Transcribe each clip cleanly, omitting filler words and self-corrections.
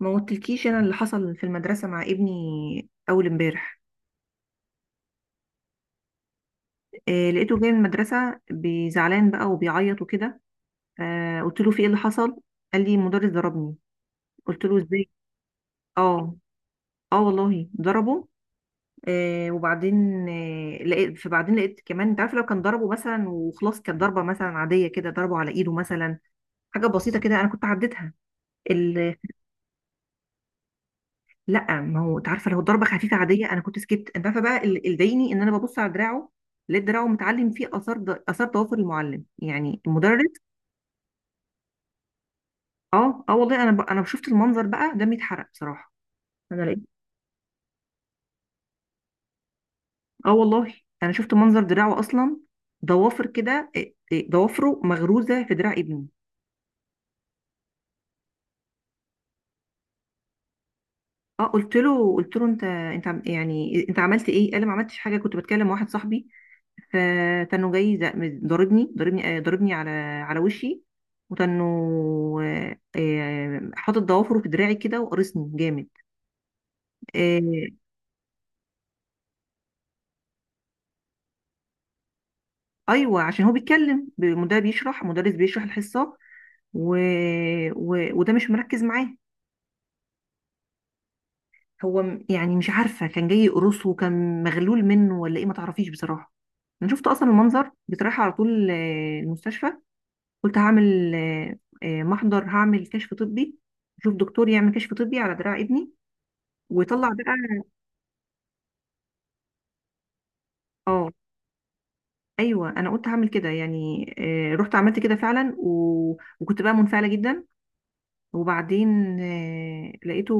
ما قلتلكيش انا اللي حصل في المدرسه مع ابني اول امبارح؟ لقيته جاي من المدرسه بزعلان بقى وبيعيط وكده. قلت له في ايه اللي حصل. قال لي المدرس ضربني. قلت له ازاي. اه، اه، والله ضربه. وبعدين. آه لقيت فبعدين لقيت كمان، انت عارف، لو كان ضربه مثلا وخلاص، كانت ضربه مثلا عاديه كده، ضربه على ايده مثلا، حاجه بسيطه كده، انا كنت عديتها. لا، ما هو انت عارفه، لو ضربه خفيفه عاديه انا كنت سكت، انت عارفه بقى اللي ضايقني ان انا ببص على دراعه. لقيت دراعه متعلم فيه اثار ضوافر المعلم، يعني المدرس. اه، اه، والله انا شفت المنظر، بقى دمي اتحرق بصراحه. انا لقيت اه، والله انا شفت منظر دراعه اصلا، ضوافر كده، إيه، إيه، ضوافره مغروزه في دراع ابني. اه، قلت له انت يعني انت عملت ايه؟ قال لي ما عملتش حاجه، كنت بتكلم مع واحد صاحبي، فكانوا جاي ضربني، ضربني، ضربني على وشي. وكانوا حاطط ضوافره في دراعي كده، وقرصني جامد. آه، ايوه، عشان هو بيتكلم، المدرب بيشرح مدرس بيشرح الحصه و... وده مش مركز معاه. يعني مش عارفه، كان جاي يقرصه، كان مغلول منه ولا ايه، ما تعرفيش بصراحه. انا شفت اصلا المنظر بصراحه، على طول المستشفى. قلت هعمل محضر، هعمل كشف طبي، شوف دكتور يعمل كشف طبي على دراع ابني، وطلع بقى. اه، ايوه، انا قلت هعمل كده يعني. رحت عملت كده فعلا، وكنت بقى منفعله جدا. وبعدين لقيته،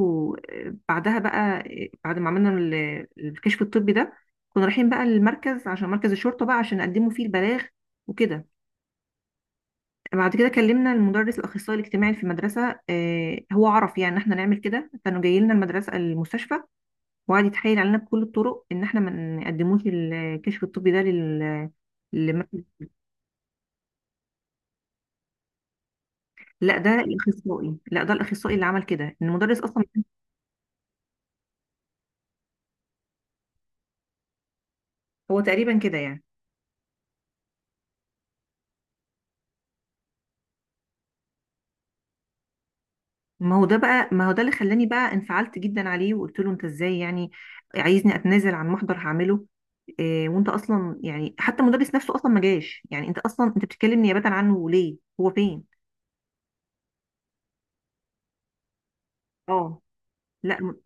بعدها بقى، بعد ما عملنا الكشف الطبي ده، كنا رايحين بقى المركز، عشان مركز الشرطه بقى، عشان نقدمه فيه البلاغ وكده. بعد كده كلمنا المدرس، الاخصائي الاجتماعي في المدرسه، هو عرف يعني ان احنا نعمل كده، كانوا جاي لنا المدرسه المستشفى، وقعد يتحايل علينا بكل الطرق ان احنا ما نقدموش الكشف الطبي ده لل لا، ده الاخصائي اللي عمل كده، إن المدرس اصلا هو تقريبا كده يعني. ما هو ده اللي خلاني بقى انفعلت جدا عليه، وقلت له انت ازاي يعني عايزني اتنازل عن محضر هعمله؟ إيه وانت اصلا يعني، حتى المدرس نفسه اصلا ما جاش يعني، انت اصلا انت بتتكلم نيابه عنه ليه، هو فين؟ اه. لا م-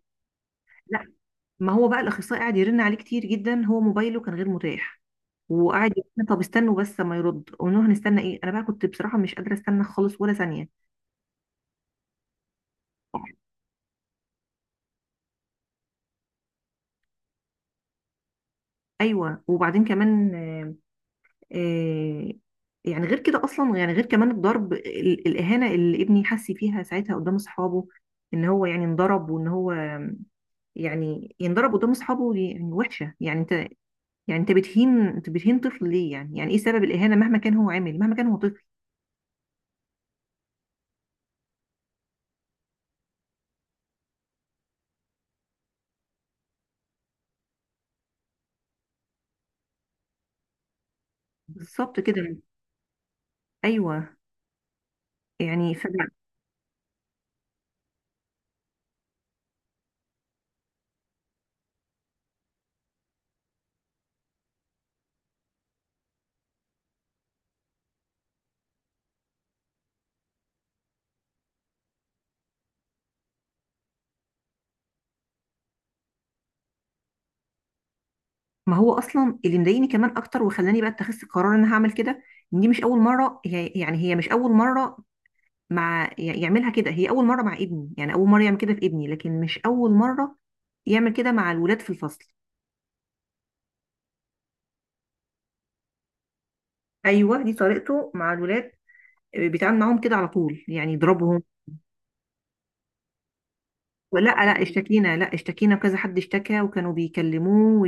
لا، ما هو بقى الاخصائي قاعد يرن عليه كتير جدا، هو موبايله كان غير متاح، وقاعد يقول لنا طب استنوا بس ما يرد، قلنا له هنستنى ايه، انا بقى كنت بصراحه مش قادره استنى خالص ولا ثانيه. ايوه، وبعدين كمان آه، يعني غير كده اصلا، يعني غير كمان الضرب، الاهانه اللي ابني حس فيها ساعتها قدام اصحابه، ان هو يعني انضرب، وان هو يعني ينضرب قدام اصحابه، دي يعني وحشه يعني، انت بتهين طفل ليه يعني، يعني ايه سبب الاهانه، مهما كان هو عامل، مهما كان هو طفل. بالظبط كده. ايوه يعني ما هو اصلا اللي مضايقني كمان اكتر وخلاني بقى اتخذت قرار ان انا هعمل كده، ان دي مش اول مره، هي مش اول مره مع يعملها كده، هي اول مره مع ابني، يعني اول مره يعمل كده في ابني، لكن مش اول مره يعمل كده مع الولاد في الفصل. ايوه، دي طريقته مع الولاد، بيتعامل معاهم كده على طول، يعني يضربهم. لا، لا اشتكينا، لا اشتكينا، وكذا حد اشتكى، وكانوا بيكلموه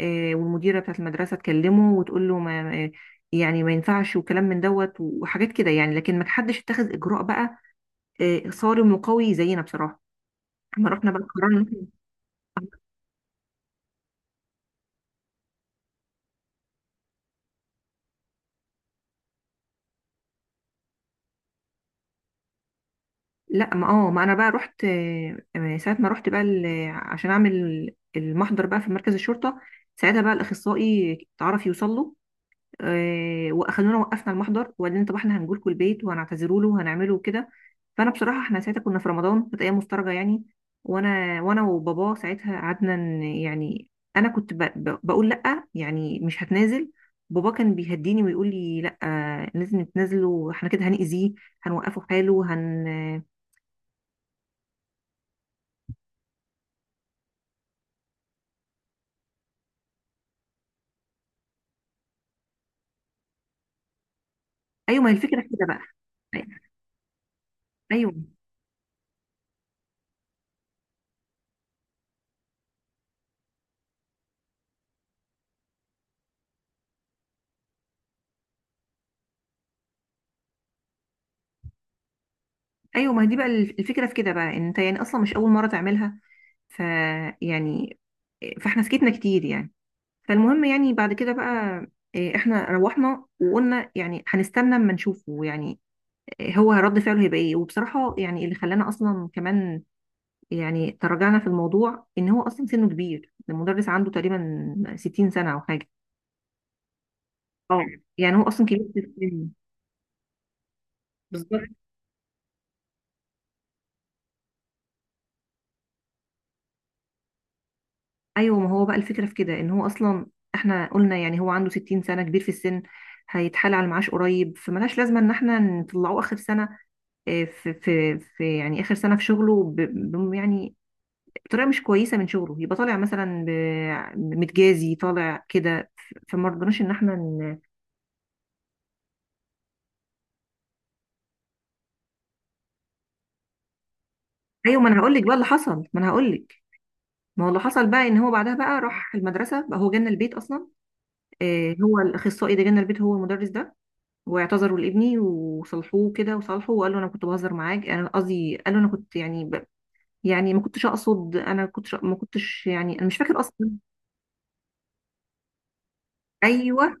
والمديره بتاعت المدرسه تكلمه وتقول له ما آه، يعني ما ينفعش، وكلام من دوت وحاجات كده يعني، لكن ما حدش اتخذ اجراء بقى صارم وقوي زينا بصراحه. احنا رحنا بقى قررنا. لا، ما انا بقى رحت، ساعه ما رحت بقى عشان اعمل المحضر بقى في مركز الشرطه، ساعتها بقى الاخصائي اتعرف يوصل له، واخدونا وقفنا المحضر، وبعدين طب احنا هنجي لكم البيت وهنعتذروا له وهنعمله وكده. فانا بصراحه، احنا ساعتها كنا في رمضان، كانت ايام مفترجه يعني، وانا وبابا ساعتها قعدنا يعني، انا كنت بقول لا، يعني مش هتنازل. بابا كان بيهديني ويقول لي لا لازم تنزله، احنا كده هنأذيه، هنوقفه حاله، هن. ايوه، ما هي الفكره في كده بقى. ايوه، ايوه، ما هي دي بقى الفكره في كده بقى، ان انت يعني اصلا مش اول مره تعملها. ف يعني فاحنا سكتنا كتير يعني. فالمهم يعني بعد كده بقى، احنا روحنا وقلنا يعني هنستنى اما نشوفه، يعني هو رد فعله هيبقى ايه. وبصراحه يعني اللي خلانا اصلا كمان يعني تراجعنا في الموضوع، ان هو اصلا سنه كبير، المدرس عنده تقريبا 60 سنه او حاجه. اه يعني هو اصلا كبير في السن. بالظبط. ايوه، ما هو بقى الفكره في كده، ان هو اصلا احنا قلنا يعني هو عنده 60 سنه، كبير في السن، هيتحال على المعاش قريب، فملهاش لازمه ان احنا نطلعه اخر سنه في، يعني اخر سنه في شغله، يعني بطريقه مش كويسه من شغله، يبقى طالع مثلا متجازي، طالع كده فما رضناش ان احنا ن... ايوه، ما انا هقول لك بقى اللي حصل، ما انا هقول لك. ما هو اللي حصل بقى ان هو بعدها بقى راح المدرسه بقى، هو جالنا البيت اصلا، هو الاخصائي ده جالنا البيت، هو المدرس ده، واعتذروا لابني وصلحوه كده وصالحوه، وقال له انا كنت بهزر معاك، انا قصدي، قال له انا كنت يعني يعني ما كنتش اقصد، انا كنت ما كنتش يعني، انا مش فاكر اصلا. ايوه،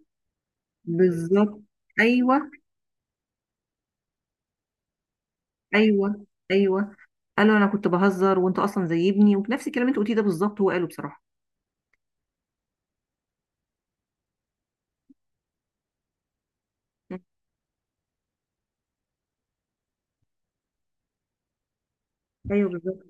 بالظبط. ايوه، ايوه، ايوه. قال له انا كنت بهزر وانت اصلا زي ابني، ونفس الكلام اللي انت قلتيه ده بالظبط هو قاله بصراحه. مم. ايوه، بالظبط.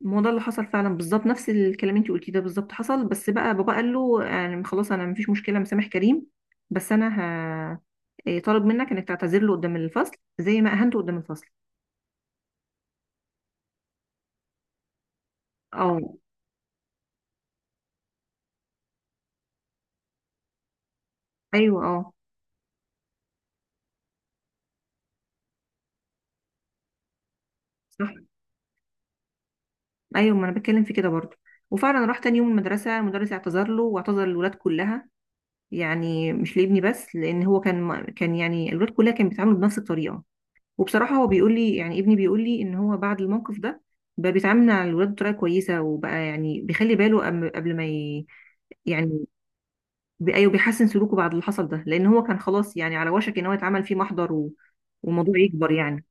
ما هو ده اللي حصل فعلا بالظبط، نفس الكلام اللي انت قلتيه ده بالظبط حصل، بس بقى بابا قال له يعني خلاص، انا مفيش مشكله، مسامح كريم، بس انا ه... طالب منك انك تعتذر له قدام الفصل زي ما اهنته قدام الفصل. اه، ايوه، اه، صح، ايوه، ما انا بتكلم في كده برضو. وفعلا راح تاني يوم المدرسه، المدرس اعتذر له واعتذر للولاد كلها، يعني مش لابني بس، لان هو كان كان يعني الولاد كلها كانت بتتعامل بنفس الطريقه. وبصراحه هو بيقول لي، يعني ابني بيقول لي ان هو بعد الموقف ده بقى بيتعامل مع الولاد بطريقه كويسه، وبقى يعني بيخلي باله قبل ما يعني ايوه، بيحسن سلوكه بعد اللي حصل ده، لان هو كان خلاص يعني على وشك ان هو يتعمل فيه محضر والموضوع يكبر يعني.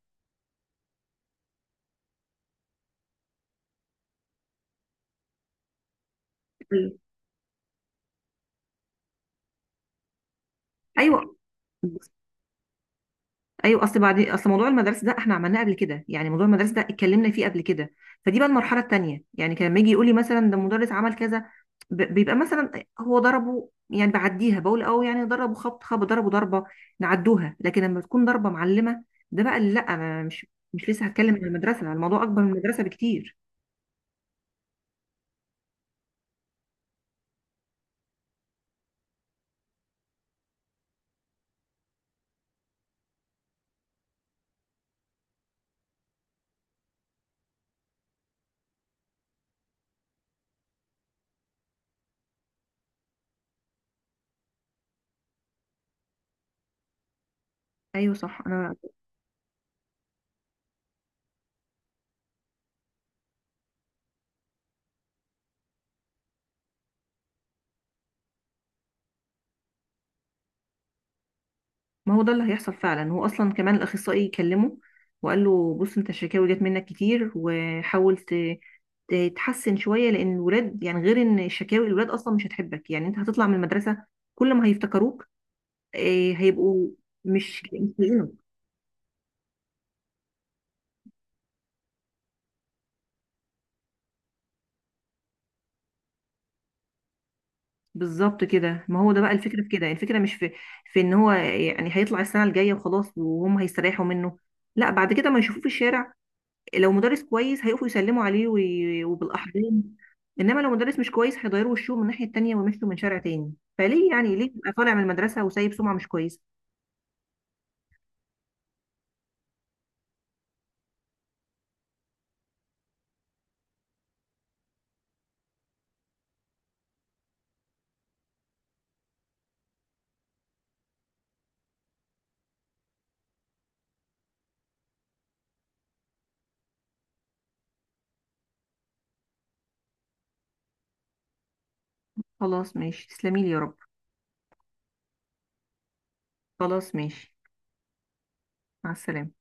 ايوه، ايوه، اصل موضوع المدارس ده احنا عملناه قبل كده، يعني موضوع المدارس ده اتكلمنا فيه قبل كده. فدي بقى المرحله التانيه يعني، كان لما يجي يقول لي مثلا ده المدرس عمل كذا، بيبقى مثلا هو ضربه، يعني بعديها بقول اه، يعني ضربه، خبط خبط، ضربه ضربه، نعدوها. لكن لما تكون ضربه معلمه، ده بقى اللي، لا، انا مش لسه هتكلم عن المدرسه، الموضوع اكبر من المدرسه بكتير. ايوه، صح، انا، ما هو ده اللي هيحصل فعلا. هو اصلا كمان الاخصائي كلمه، وقال له بص انت الشكاوي جت منك كتير، وحاولت تحسن شويه، لان الولاد يعني، غير ان شكاوي الولاد اصلا مش هتحبك، يعني انت هتطلع من المدرسه كل ما هيفتكروك هيبقوا مش لاقينك. بالظبط كده، ما هو ده بقى الفكره في كده، الفكره مش في ان هو يعني هيطلع السنه الجايه وخلاص، وهم هيستريحوا منه، لا، بعد كده ما يشوفوه في الشارع، لو مدرس كويس هيقفوا يسلموا عليه وبالاحضان، انما لو مدرس مش كويس هيغيروا وشهم من الناحيه التانيه ويمشوا من شارع تاني، فليه يعني، ليه تبقى طالع من المدرسه وسايب سمعه مش كويسه؟ خلاص ماشي، تسلمي لي يا رب. خلاص ماشي. مع السلامة.